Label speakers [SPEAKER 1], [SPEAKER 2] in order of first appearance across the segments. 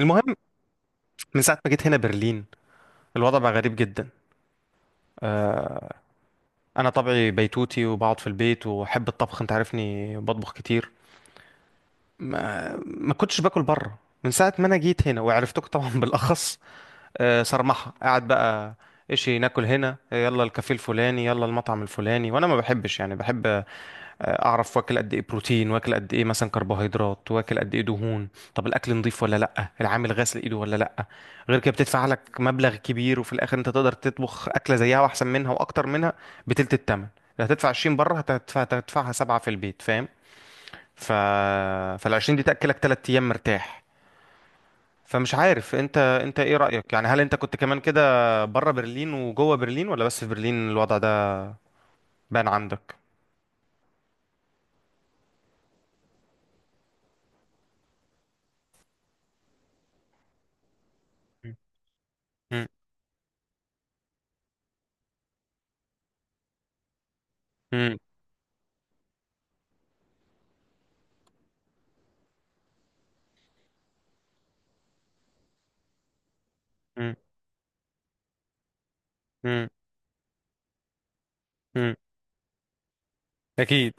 [SPEAKER 1] المهم، من ساعة ما جيت هنا برلين الوضع بقى غريب جدا. آه، أنا طبعي بيتوتي وبقعد في البيت وأحب الطبخ، أنت عارفني بطبخ كتير. ما كنتش باكل بره من ساعة ما أنا جيت هنا وعرفتك طبعا بالأخص. صرمحة قاعد بقى. إيش ناكل هنا، يلا الكافيه الفلاني يلا المطعم الفلاني، وأنا ما بحبش، يعني بحب اعرف واكل قد ايه بروتين، واكل قد ايه مثلا كربوهيدرات، واكل قد ايه دهون. طب الاكل نضيف ولا لا، العامل غسل ايده ولا لا. غير كده بتدفع لك مبلغ كبير وفي الاخر انت تقدر تطبخ اكله زيها واحسن منها واكتر منها بتلت التمن. لا، هتدفع 20 بره، هتدفعها سبعة في البيت، فاهم. ف فال 20 دي تاكلك 3 ايام مرتاح. فمش عارف، انت ايه رايك، يعني هل انت كنت كمان كده، بره برلين وجوه برلين ولا بس في برلين الوضع ده؟ بان عندك. مم. مم. مم. مم. مم. اكيد.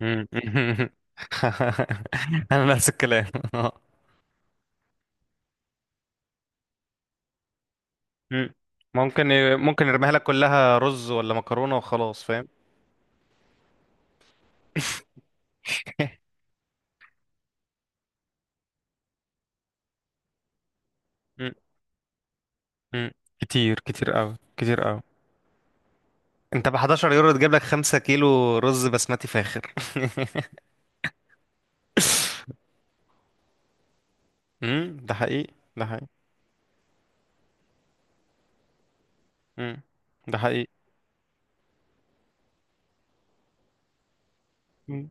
[SPEAKER 1] مم. انا نفس الكلام. مم. ممكن يرميها لك كلها رز ولا مكرونة وخلاص، فاهم. مم. مم. كتير كتير قوي، كتير قوي. انت ب 11 يورو تجيب لك 5 كيلو رز بسمتي فاخر. مم. ده حقيقي، ده حقيقي. مم. ده حقيقي. مم.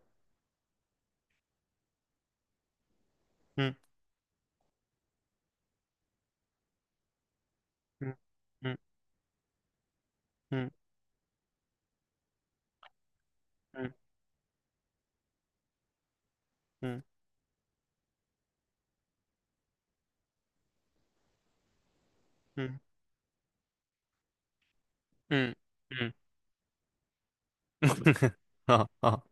[SPEAKER 1] مم. مم. مم. مم. مم. مم. مم. مم. اه، اه.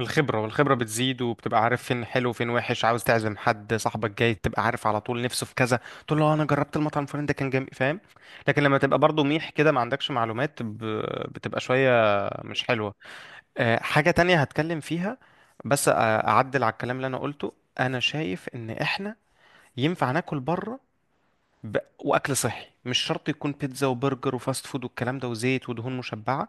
[SPEAKER 1] الخبرة، والخبرة بتزيد، وبتبقى عارف فين حلو وفين وحش. عاوز تعزم حد صاحبك جاي تبقى عارف على طول نفسه في كذا، تقول له انا جربت المطعم الفلاني ده كان جامد، فاهم. لكن لما تبقى برضو ميح كده ما عندكش معلومات، بتبقى شوية مش حلوة. حاجة تانية هتكلم فيها، بس أعدل على الكلام اللي أنا قلته. أنا شايف إن إحنا ينفع ناكل بره، ب... وأكل صحي مش شرط يكون بيتزا وبرجر وفاست فود والكلام ده وزيت ودهون مشبعة،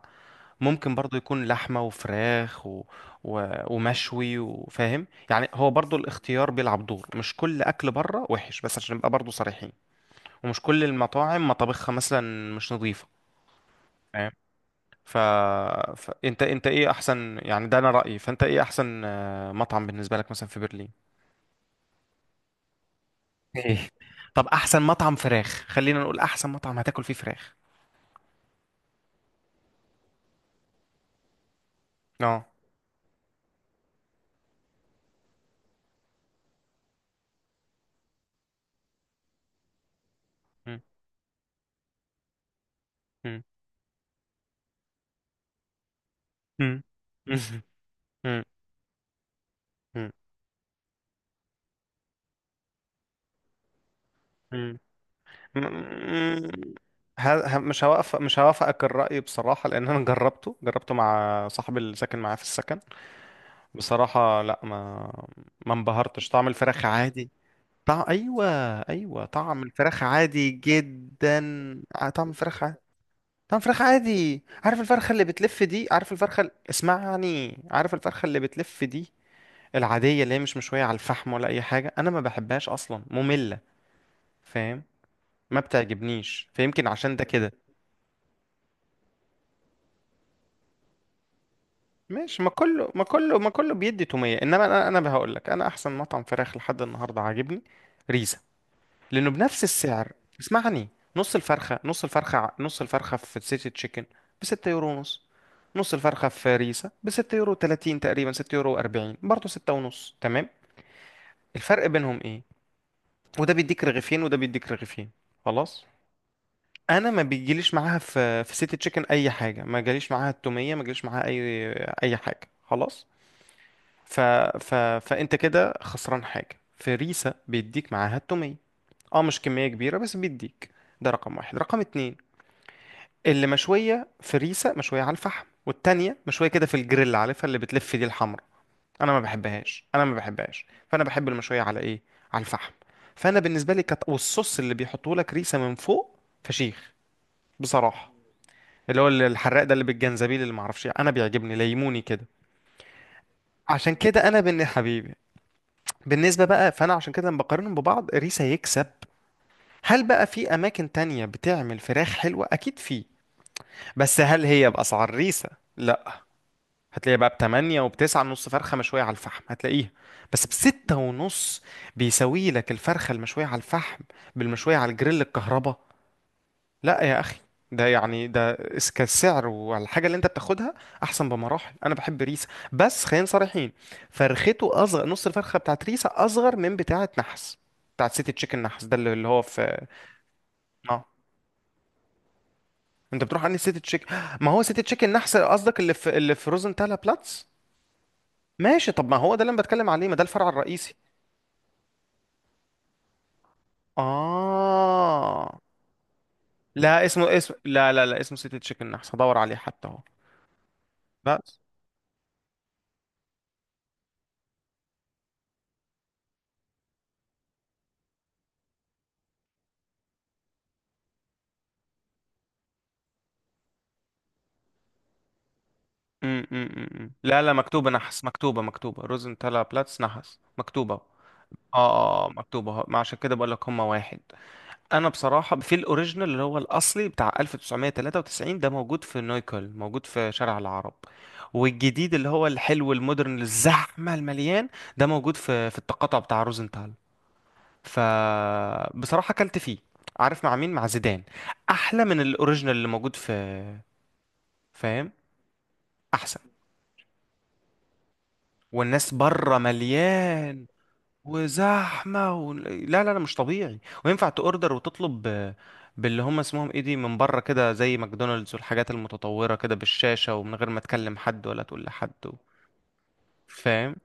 [SPEAKER 1] ممكن برضو يكون لحمة وفراخ و... ومشوي، وفاهم يعني هو برضو الاختيار بيلعب دور، مش كل أكل بره وحش، بس عشان نبقى برضو صريحين ومش كل المطاعم مطابخها مثلا مش نظيفة، فاهم. ف... فأنت إيه أحسن يعني، ده أنا رأيي، فأنت إيه أحسن مطعم بالنسبة لك مثلا في برلين؟ ايه؟ طب أحسن مطعم فراخ، خلينا نقول أحسن مطعم هتاكل فيه فراخ. اه. مم. مم. مم. مم. مم. مم. م- مش هوافقك الرأي بصراحة، لأن أنا جربته مع صاحبي اللي ساكن معاه في السكن. بصراحة لا، ما انبهرتش، طعم الفراخ عادي. طعم أيوة، أيوة طعم الفراخ عادي جدا. طعم الفراخ عادي. طعم الفراخ عادي، عارف الفرخة اللي بتلف دي، عارف الفرخة اسمعني، عارف الفرخة اللي بتلف دي العادية اللي هي مش مشوية على الفحم ولا أي حاجة، أنا ما بحبهاش أصلا، مملة، فاهم. ما بتعجبنيش فيمكن عشان ده كده. ماشي، ما كله بيدي تومية، انما انا هقول لك انا احسن مطعم فراخ لحد النهارده عاجبني ريزا، لانه بنفس السعر. اسمعني، نص الفرخة في سيتي تشيكن ب 6 يورو ونص، نص الفرخة في ريزا ب 6 يورو 30 تقريبا، 6 يورو 40، برضه 6 ونص، تمام. الفرق بينهم ايه، وده بيديك رغيفين وده بيديك رغيفين، خلاص. انا ما بيجيليش معاها في في سيتي تشيكن اي حاجه، ما جاليش معاها التوميه، ما جاليش معاها اي حاجه، خلاص. ف... ف... فانت كده خسران حاجه، فريسه بيديك معاها التوميه، اه مش كميه كبيره بس بيديك. ده رقم واحد. رقم اتنين، اللي مشويه فريسه مشويه على الفحم، والتانيه مشويه كده في الجريل، عارفها اللي بتلف دي الحمرا، انا ما بحبهاش، انا ما بحبهاش، فانا بحب المشويه على ايه؟ على الفحم. فانا بالنسبه لي والصوص اللي بيحطوه لك ريسه من فوق فشيخ بصراحه، اللي هو الحراق ده اللي بالجنزبيل اللي معرفش إيه، انا بيعجبني ليموني كده. عشان كده انا بن حبيبي بالنسبة بقى، فأنا عشان كده لما بقارنهم ببعض ريسا يكسب. هل بقى في أماكن تانية بتعمل فراخ حلوة؟ أكيد في، بس هل هي بأسعار ريسا؟ لا. هتلاقيها بقى بتمانية وبتسعة نص فرخة مشوية على الفحم هتلاقيها، بس بستة ونص بيساوي لك الفرخة المشوية على الفحم بالمشوية على الجريل الكهرباء. لا يا اخي، ده يعني ده كالسعر والحاجه اللي انت بتاخدها احسن بمراحل، انا بحب ريسه. بس خلينا صريحين، فرخته اصغر، نص الفرخه بتاعت ريسه اصغر من بتاعه نحس، بتاعت سيتي تشيكن نحس، ده اللي هو في. اه. انت بتروح عند سيتي تشيكن، ما هو سيتي تشيكن نحس قصدك، اللي في، اللي في روزنتالا بلاتس. ماشي، طب ما هو ده اللي انا بتكلم عليه، ما ده الفرع الرئيسي. اه. لا، اسمه لا لا لا اسمه سيتي تشيكن نحس، هدور عليه حتى اهو، بس. لا لا مكتوبة نحس، مكتوبة، مكتوبة روزنتالا بلاتس نحس، مكتوبة اه. اه مكتوبة، ما عشان كده بقول لك هما واحد. انا بصراحة في الاوريجينال اللي هو الاصلي بتاع 1993، ده موجود في نويكل، موجود في شارع العرب، والجديد اللي هو الحلو المودرن الزحمة المليان، ده موجود في في التقاطع بتاع روزنتال. فبصراحة اكلت فيه، عارف مع مين، مع زيدان، احلى من الاوريجينال اللي موجود في، فاهم، احسن. والناس بره مليان وزحمه لا لا لا مش طبيعي، وينفع تأوردر وتطلب باللي هم اسمهم ايه دي من بره كده، زي ماكدونالدز والحاجات المتطوره كده بالشاشه، ومن غير ما تكلم حد ولا تقول لحد فاهم.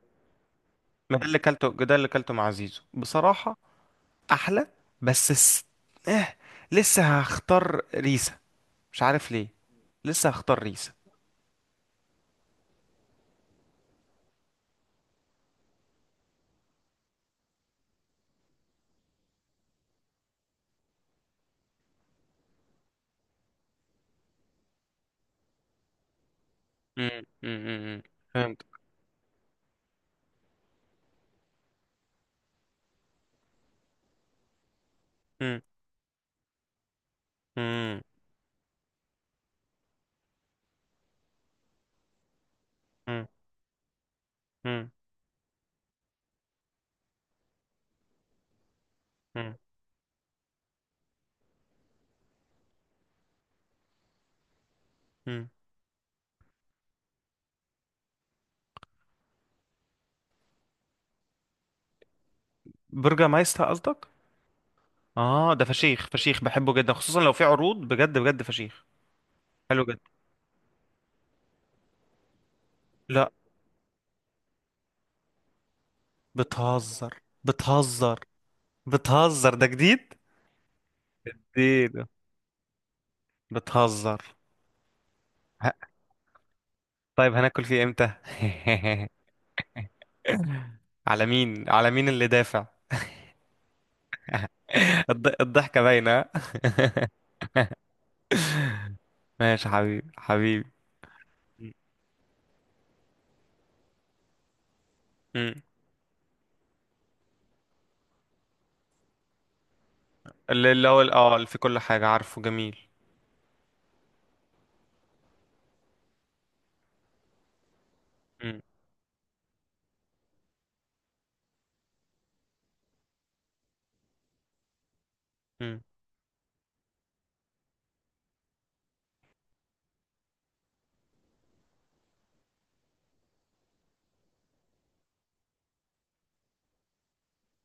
[SPEAKER 1] ما ده اللي كلته، ده اللي كلته مع زيزو بصراحه، احلى. بس اه، لسه هختار ريسا، مش عارف ليه، لسه هختار ريسا. مم، مم، مم، مم. فهمت. مم، مم، مم، مم، مم، مم. برجر مايستر قصدك. اه، ده فشيخ فشيخ، بحبه جدا خصوصا لو في عروض، بجد بجد فشيخ. حلو جدا. لا بتهزر، بتهزر، بتهزر، ده جديد، جديد، بتهزر. ه- طيب هناكل فيه امتى؟ على مين، على مين اللي دافع؟ الضحكة باينة. ماشي حبيبي، حبيبي. مم. اللي اللي هو ال- اه اللي في كل حاجة، عارفه، جميل. مم. مم.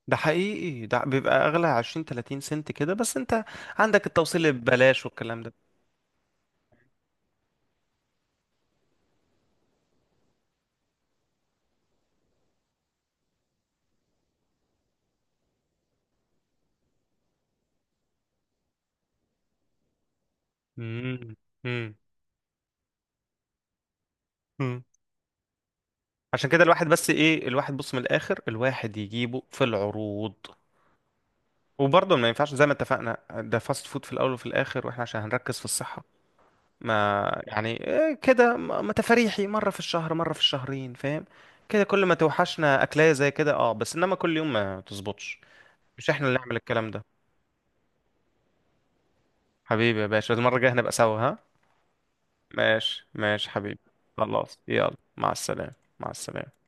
[SPEAKER 1] ده حقيقي، ده بيبقى اغلى 20 30 سنت كده بس، انت عندك التوصيل ببلاش والكلام ده. مم. مم. مم. عشان كده الواحد بس ايه، الواحد بص من الاخر، الواحد يجيبه في العروض، وبرضه ما ينفعش زي ما اتفقنا، ده فاست فود في الاول وفي الاخر، واحنا عشان هنركز في الصحة، ما يعني إيه كده، ما تفاريحي مرة في الشهر، مرة في الشهرين، فاهم. كده كل ما توحشنا اكلاية زي كده، اه، بس انما كل يوم ما تظبطش، مش احنا اللي نعمل الكلام ده. حبيبي يا باشا، المرة الجاية هنبقى سوا، ها. ماشي ماشي حبيبي. خلاص يلا مع السلامة. مع السلامة.